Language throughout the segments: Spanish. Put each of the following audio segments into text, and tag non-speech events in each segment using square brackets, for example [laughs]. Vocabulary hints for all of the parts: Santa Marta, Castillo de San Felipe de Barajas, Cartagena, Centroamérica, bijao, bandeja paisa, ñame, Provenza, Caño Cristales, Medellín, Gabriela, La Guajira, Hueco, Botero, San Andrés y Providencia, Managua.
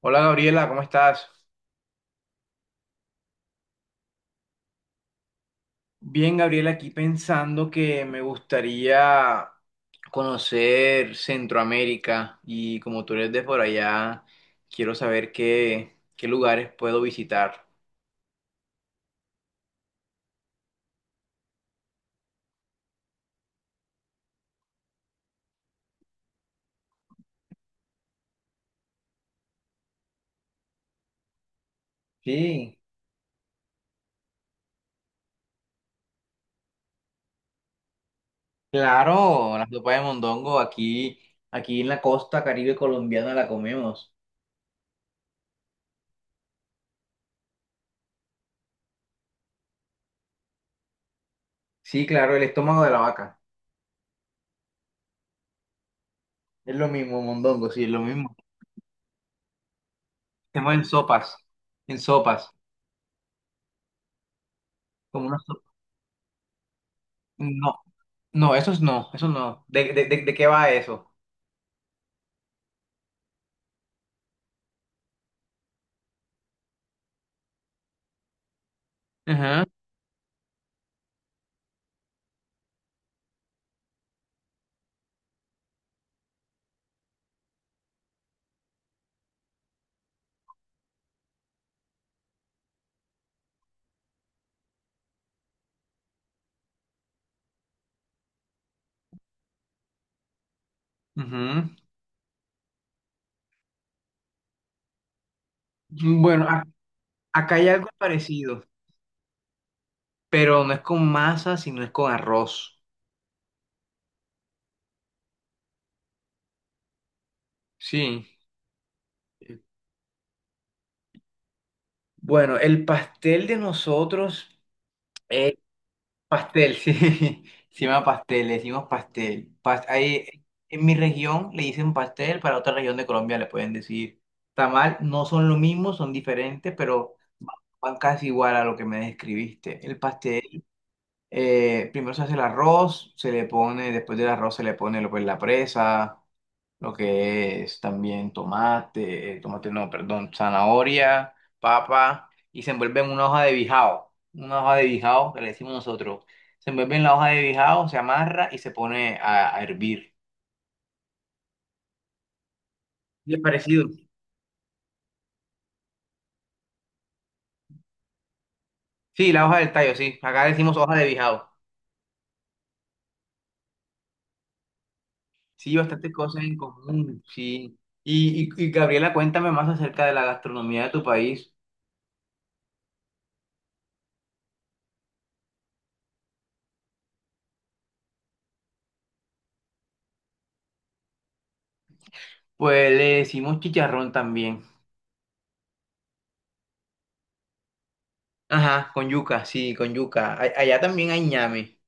Hola Gabriela, ¿cómo estás? Bien, Gabriela, aquí pensando que me gustaría conocer Centroamérica y como tú eres de por allá, quiero saber qué lugares puedo visitar. Sí, claro, la sopa de mondongo aquí, aquí en la costa Caribe colombiana la comemos. Sí, claro, el estómago de la vaca. Es lo mismo, mondongo, sí, es lo mismo. Hacemos en sopas, como una sopa. No, esos no, esos no. ¿De qué va eso? Ajá, ujú. Bueno, acá hay algo parecido, pero no es con masa, sino es con arroz. Sí. Bueno, el pastel de nosotros es pastel, sí. [laughs] Se llama pastel, le decimos pastel. Ahí, en mi región le dicen pastel, para otra región de Colombia le pueden decir tamal. No son lo mismo, son diferentes, pero van casi igual a lo que me describiste. El pastel. Primero se hace el arroz, se le pone, después del arroz se le pone lo que es la presa, lo que es también tomate, tomate no, perdón, zanahoria, papa, y se envuelve en una hoja de bijao, una hoja de bijao que le decimos nosotros. Se envuelve en la hoja de bijao, se amarra y se pone a hervir. Y es parecido. Sí, la hoja del tallo, sí. Acá decimos hoja de bijao. Sí, bastantes cosas en común, sí. Y Gabriela, cuéntame más acerca de la gastronomía de tu país. Pues le decimos chicharrón también. Ajá, con yuca, sí, con yuca. Allá también hay ñame.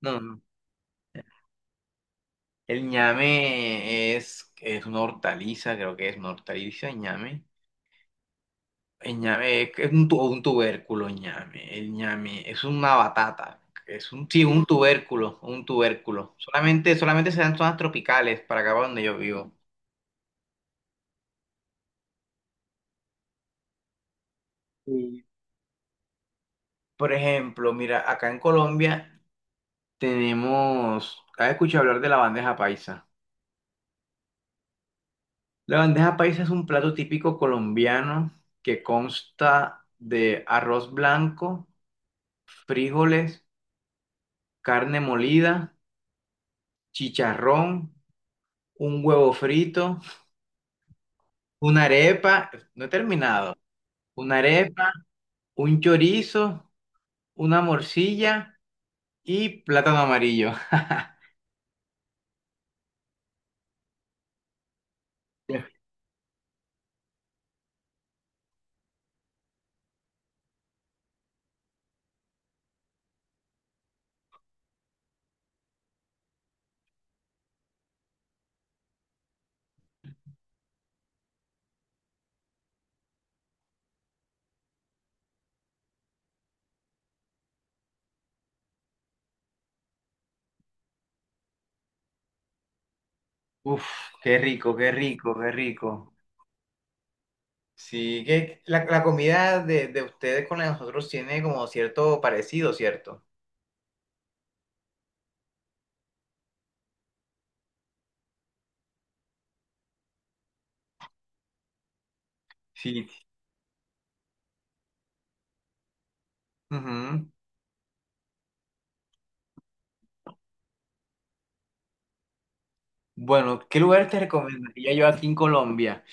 No, no. no. El ñame es una hortaliza, creo que es una hortaliza, el ñame. El ñame es un, un tubérculo, el ñame. El ñame es una batata. Es un, sí, un tubérculo, un tubérculo. Solamente se dan en zonas tropicales para acá para donde yo vivo. Y, por ejemplo, mira, acá en Colombia tenemos, ¿has escuchado hablar de la bandeja paisa? La bandeja paisa es un plato típico colombiano que consta de arroz blanco, frijoles, carne molida, chicharrón, un huevo frito, una arepa, no he terminado, una arepa, un chorizo, una morcilla y plátano amarillo. [laughs] Uf, qué rico, qué rico, qué rico. Sí, que la comida de ustedes con la de nosotros tiene como cierto parecido, ¿cierto? Sí. Ujú. Bueno, ¿qué lugar te recomendaría yo aquí en Colombia?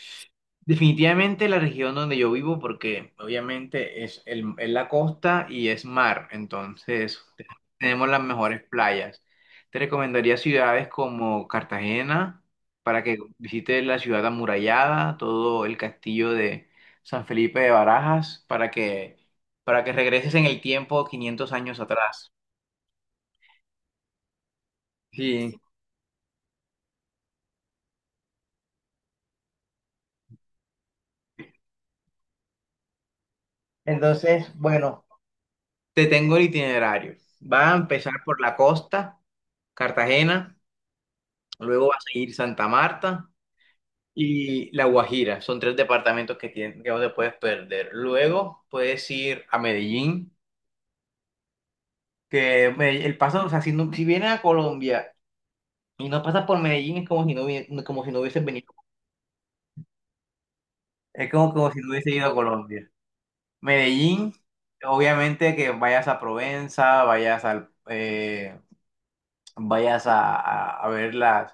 Definitivamente la región donde yo vivo, porque obviamente es, el, es la costa y es mar, entonces tenemos las mejores playas. Te recomendaría ciudades como Cartagena, para que visites la ciudad amurallada, todo el castillo de San Felipe de Barajas, para que regreses en el tiempo 500 años atrás. Sí. Entonces, bueno. Te tengo el itinerario. Va a empezar por la costa, Cartagena, luego va a seguir Santa Marta y La Guajira. Son tres departamentos que, que no te puedes perder. Luego puedes ir a Medellín, que el paso, o sea, si, si vienes a Colombia y no pasas por Medellín es como si no, como si no hubieses venido. Es como, como si no hubieses ido a Colombia. Medellín, obviamente que vayas a Provenza, vayas al... vayas a, a ver las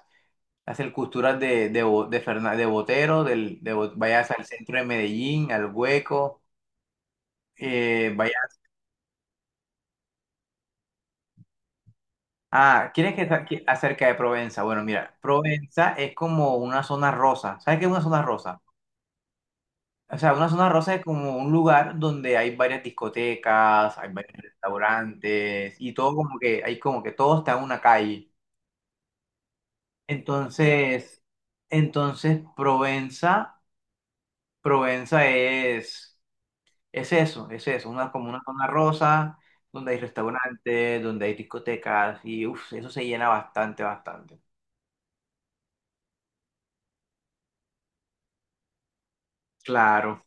Hace el cultural Bo- de Botero, vayas al centro de Medellín, al Hueco, vayas... Ah, ¿quieres que acerca de Provenza? Bueno, mira, Provenza es como una zona rosa. ¿Sabes qué es una zona rosa? O sea, una zona rosa es como un lugar donde hay varias discotecas, hay varios restaurantes y todo como que, hay como que todo está en una calle. Entonces, entonces Provenza es eso, una, como una zona rosa, donde hay restaurantes, donde hay discotecas, y uff, eso se llena bastante, bastante. Claro,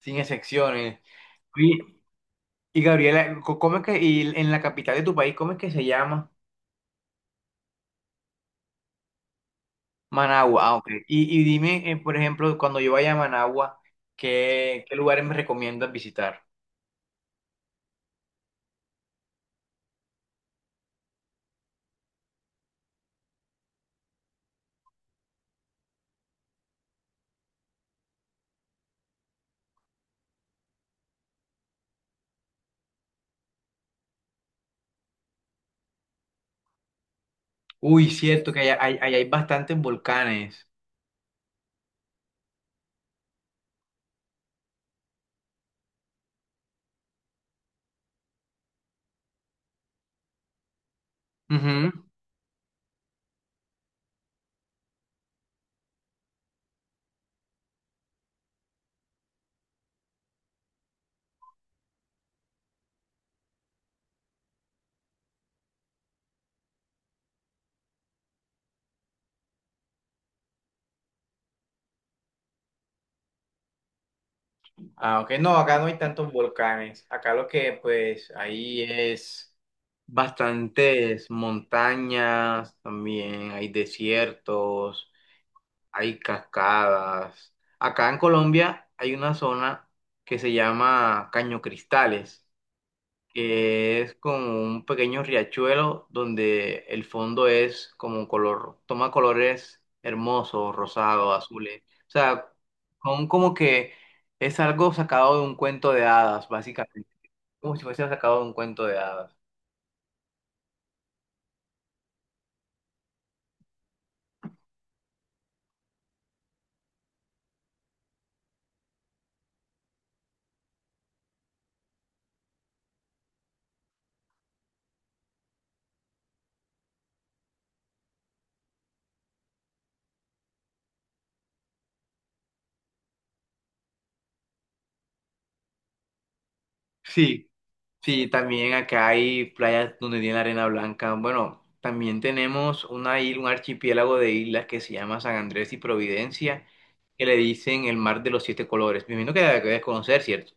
sin excepciones. Y, y Gabriela, ¿cómo es que, y en la capital de tu país, cómo es que se llama? Managua, ah, ok. Y dime, por ejemplo, cuando yo vaya a Managua, ¿qué lugares me recomiendas visitar? Uy, cierto, que allá hay bastantes volcanes. Ujú. Ah, ok, no, acá no hay tantos volcanes. Acá lo que pues ahí es bastantes montañas, también hay desiertos, hay cascadas. Acá en Colombia hay una zona que se llama Caño Cristales que es como un pequeño riachuelo donde el fondo es como un color, toma colores hermosos, rosados, azules. O sea, son como que es algo sacado de un cuento de hadas, básicamente. Como si fuese sacado de un cuento de hadas. Sí, sí, también acá hay playas donde tiene la arena blanca. Bueno, también tenemos una isla, un archipiélago de islas que se llama San Andrés y Providencia, que le dicen el mar de los siete colores. Me imagino que la debes conocer, ¿cierto?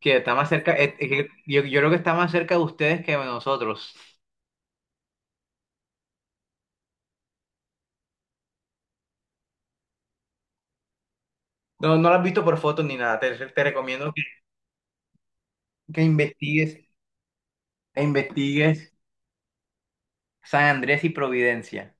Que está más cerca, que yo creo que está más cerca de ustedes que de nosotros. No, no lo has visto por fotos ni nada. Te recomiendo que investigues, e investigues San Andrés y Providencia.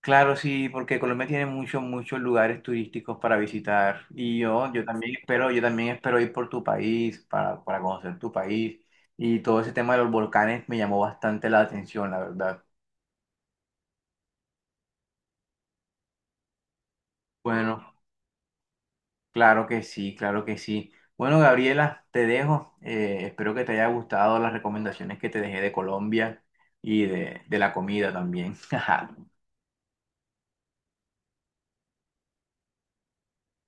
Claro, sí, porque Colombia tiene muchos, muchos lugares turísticos para visitar. Yo también espero ir por tu país, para conocer tu país. Y todo ese tema de los volcanes me llamó bastante la atención, la verdad. Bueno. Claro que sí, claro que sí. Bueno, Gabriela, te dejo. Espero que te haya gustado las recomendaciones que te dejé de Colombia y de la comida también. [laughs]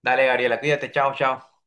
Dale, Gabriela, cuídate, chao, chao.